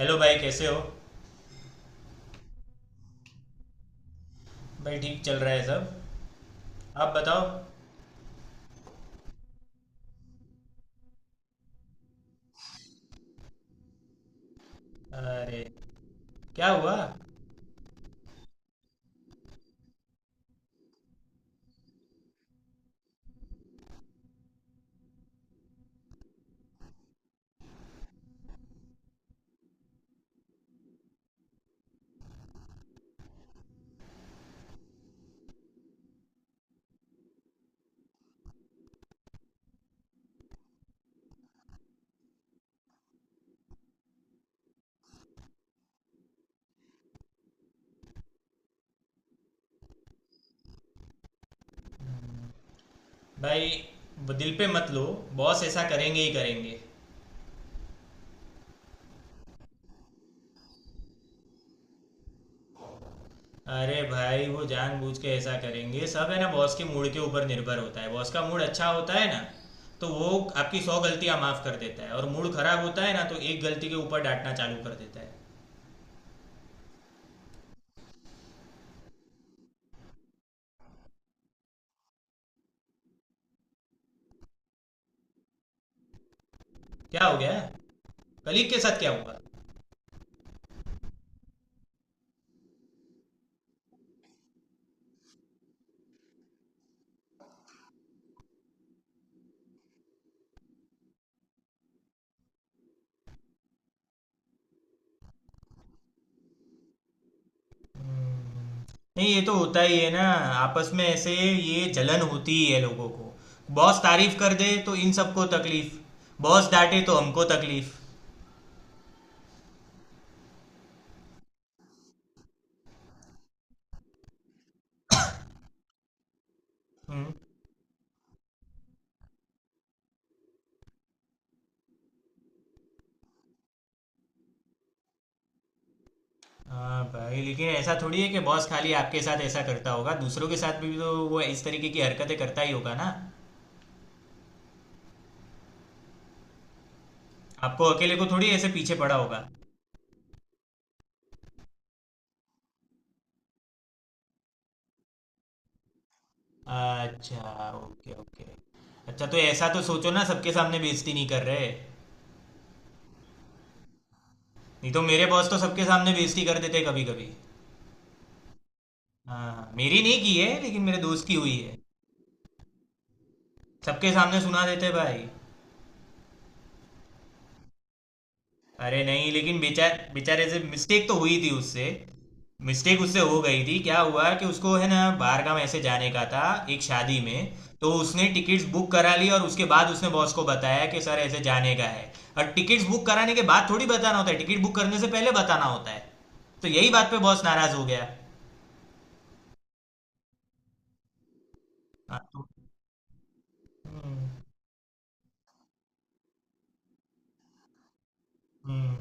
Hello भाई, कैसे हो? भाई ठीक चल रहा है सब। आप बताओ। अरे, क्या हुआ? भाई वो दिल पे मत लो। बॉस ऐसा करेंगे ही करेंगे। अरे भाई, वो जानबूझ के ऐसा करेंगे सब। है ना, बॉस के मूड के ऊपर निर्भर होता है। बॉस का मूड अच्छा होता है ना तो वो आपकी सौ गलतियां माफ कर देता है, और मूड खराब होता है ना तो एक गलती के ऊपर डांटना चालू कर देता है। क्या हो गया? कलीग के साथ क्या हुआ? नहीं, ये तो होता ही है ना। आपस में ऐसे ये जलन होती ही है लोगों को। बॉस तारीफ कर दे तो इन सबको तकलीफ, बॉस डांटे तो हमको तकलीफ। हम्म। हाँ भाई, लेकिन ऐसा थोड़ी है कि बॉस खाली आपके साथ ऐसा करता होगा। दूसरों के साथ भी तो वो इस तरीके की हरकतें करता ही होगा ना। आपको अकेले को थोड़ी ऐसे पीछे पड़ा होगा। अच्छा, ओके ओके। अच्छा तो ऐसा तो सोचो ना, सबके सामने बेइज्जती नहीं कर रहे। नहीं तो मेरे बॉस तो सबके सामने बेइज्जती कर देते कभी कभी। हाँ, मेरी नहीं की है लेकिन मेरे दोस्त की हुई है। सबके सामने सुना देते भाई। अरे नहीं, लेकिन बेचारे से मिस्टेक तो हुई थी उससे। मिस्टेक उससे हो गई थी। क्या हुआ कि उसको है ना, बाहरगाम ऐसे जाने का था, एक शादी में। तो उसने टिकट्स बुक करा ली और उसके बाद उसने बॉस को बताया कि सर ऐसे जाने का है। और टिकट्स बुक कराने के बाद थोड़ी बताना होता है, टिकट बुक करने से पहले बताना होता है। तो यही बात पे बॉस नाराज हो गया। हाँ, तो- हम्म, हम्म,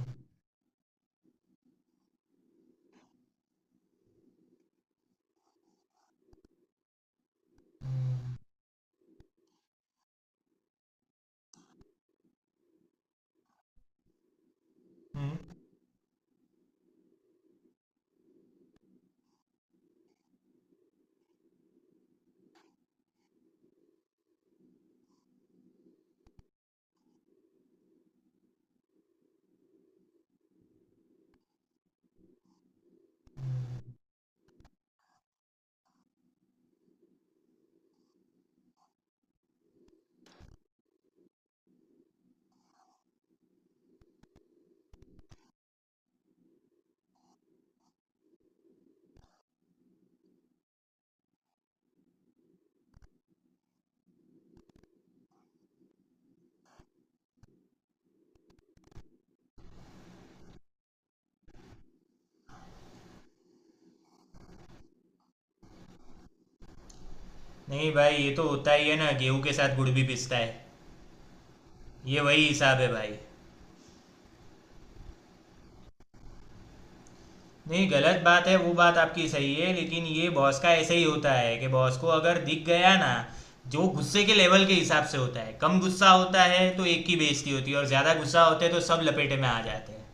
हम्म। नहीं भाई, ये तो होता ही है ना। गेहूं के साथ गुड़ भी पिसता है। ये वही हिसाब है भाई। नहीं, गलत बात है, वो बात आपकी सही है। लेकिन ये बॉस का ऐसे ही होता है कि बॉस को अगर दिख गया ना, जो गुस्से के लेवल के हिसाब से होता है। कम गुस्सा होता है तो एक की बेइज्जती होती है, और ज्यादा गुस्सा होते है तो सब लपेटे में आ जाते हैं।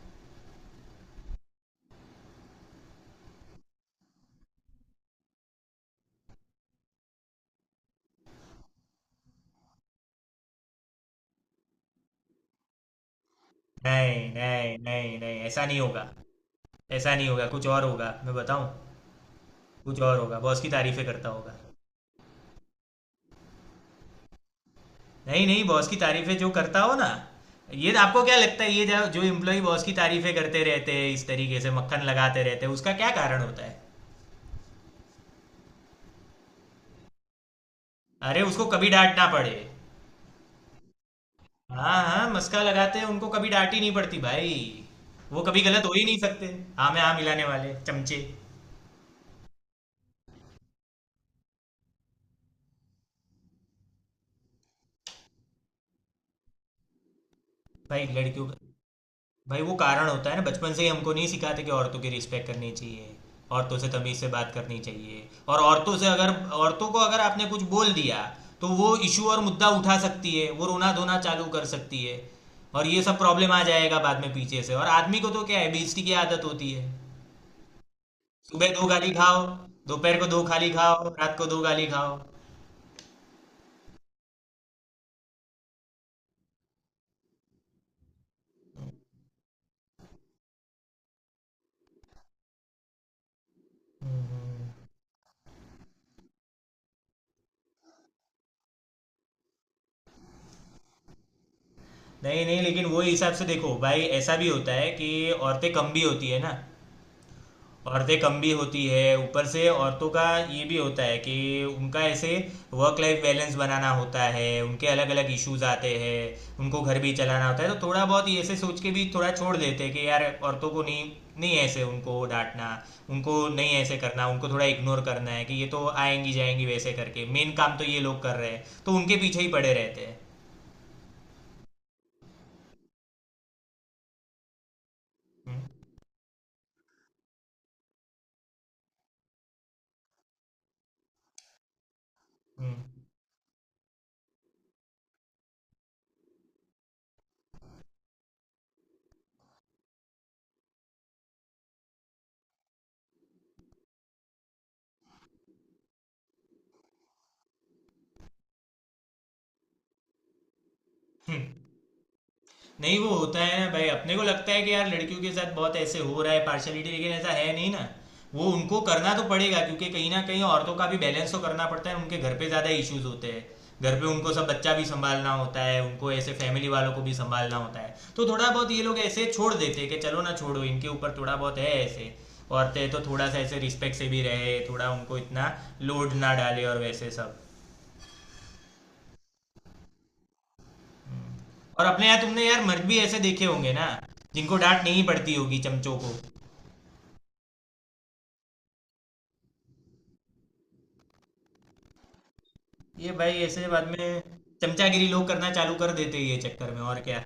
नहीं नहीं नहीं नहीं, ऐसा नहीं होगा। ऐसा नहीं होगा, कुछ और होगा, मैं बताऊं। कुछ और होगा, बॉस की तारीफें करता होगा। नहीं नहीं, बॉस की तारीफें जो करता हो ना, ये आपको क्या लगता है? ये जो जो एम्प्लॉय बॉस की तारीफें करते रहते हैं, इस तरीके से मक्खन लगाते रहते हैं, उसका क्या कारण होता है? अरे, उसको कभी डांट ना पड़े। हाँ हाँ, मस्का लगाते हैं, उनको कभी डांट ही नहीं पड़ती भाई। वो कभी गलत हो ही नहीं सकते। हाँ में हाँ मिलाने वाले चमचे। भाई लड़कियों का, भाई वो कारण होता है ना, बचपन से ही हमको नहीं सिखाते कि औरतों की रिस्पेक्ट करनी चाहिए। औरतों से तमीज से बात करनी चाहिए। और औरतों से अगर, औरतों को अगर आपने कुछ बोल दिया तो वो इशू और मुद्दा उठा सकती है, वो रोना धोना चालू कर सकती है। और ये सब प्रॉब्लम आ जाएगा बाद में पीछे से। और आदमी को तो क्या है, बेइज्जती की आदत होती है। सुबह दो गाली खाओ, दोपहर को दो खाली खाओ, रात को दो गाली खाओ। हम्म। नहीं नहीं, लेकिन वो हिसाब से देखो भाई, ऐसा भी होता है कि औरतें कम भी होती है ना। औरतें कम भी होती है, ऊपर से औरतों का ये भी होता है कि उनका ऐसे वर्क लाइफ बैलेंस बनाना होता है। उनके अलग अलग इश्यूज आते हैं। उनको घर भी चलाना होता है। तो थोड़ा बहुत ये ऐसे सोच के भी थोड़ा छोड़ देते हैं कि यार औरतों को नहीं, नहीं ऐसे उनको डांटना, उनको नहीं ऐसे करना, उनको थोड़ा इग्नोर करना है कि ये तो आएंगी जाएंगी वैसे करके। मेन काम तो ये लोग कर रहे हैं तो उनके पीछे ही पड़े रहते हैं। हम्म, हम्म, हम्म। नहीं, वो होता है ना भाई, अपने को लगता है कि यार लड़कियों के साथ बहुत ऐसे हो रहा है पार्शलिटी, लेकिन ऐसा है नहीं ना। वो उनको करना तो पड़ेगा, क्योंकि कहीं ना कहीं औरतों का भी बैलेंस तो करना पड़ता है। उनके घर पे ज़्यादा इश्यूज होते हैं। घर पे उनको सब बच्चा भी संभालना होता है, उनको ऐसे फैमिली वालों को भी संभालना होता है। तो थोड़ा बहुत ये लोग ऐसे छोड़ देते हैं कि चलो ना, छोड़ो, इनके ऊपर थोड़ा बहुत है ऐसे। औरतें तो थोड़ा सा ऐसे रिस्पेक्ट से भी रहे, थोड़ा उनको इतना लोड ना डाले, और वैसे सब। और अपने यहाँ तुमने यार मर्द भी ऐसे देखे होंगे ना, जिनको डांट नहीं पड़ती होगी, चमचों को। ये भाई ऐसे बाद में चमचागिरी लोग करना चालू कर देते हैं ये चक्कर में, और क्या।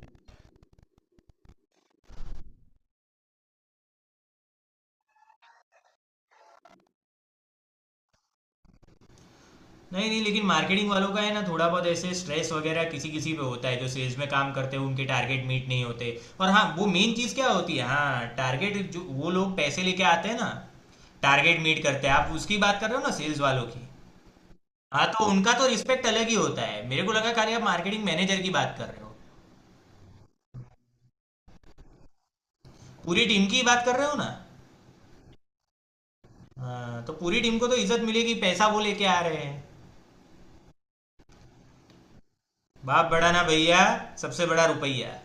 नहीं नहीं, लेकिन मार्केटिंग वालों का है ना, थोड़ा बहुत ऐसे स्ट्रेस वगैरह किसी किसी पे होता है, जो सेल्स में काम करते हैं उनके टारगेट मीट नहीं होते। और हाँ, वो मेन चीज़ क्या होती है, हाँ, टारगेट, जो वो लोग पैसे लेके आते हैं ना, टारगेट मीट करते हैं। आप उसकी बात कर रहे हो ना, सेल्स वालों की। हाँ, तो उनका तो रिस्पेक्ट अलग ही होता है। मेरे को लगा खाली आप मार्केटिंग मैनेजर की बात कर रहे हो। पूरी टीम की बात कर रहे हो ना। हाँ, तो पूरी टीम को तो इज्जत मिलेगी, पैसा वो लेके आ रहे हैं। बाप बड़ा ना भैया, सबसे बड़ा रुपया।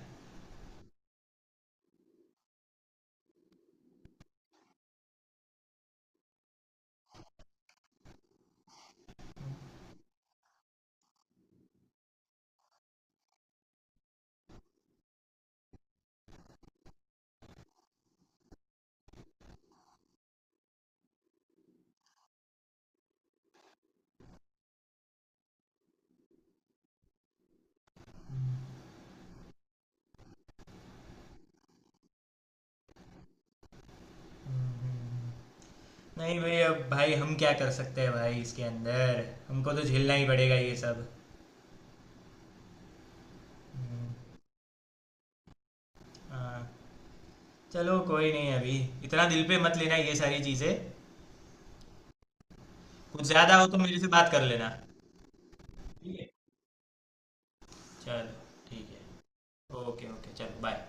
नहीं भाई, अब भाई हम क्या कर सकते हैं भाई, इसके अंदर हमको तो झेलना ही पड़ेगा ये सब। हाँ, चलो कोई नहीं अभी। इतना दिल पे मत लेना ये सारी चीजें। कुछ ज्यादा हो तो मेरे से बात कर लेना। ठीक है, चलो ठीक है। ओके ओके, चलो बाय।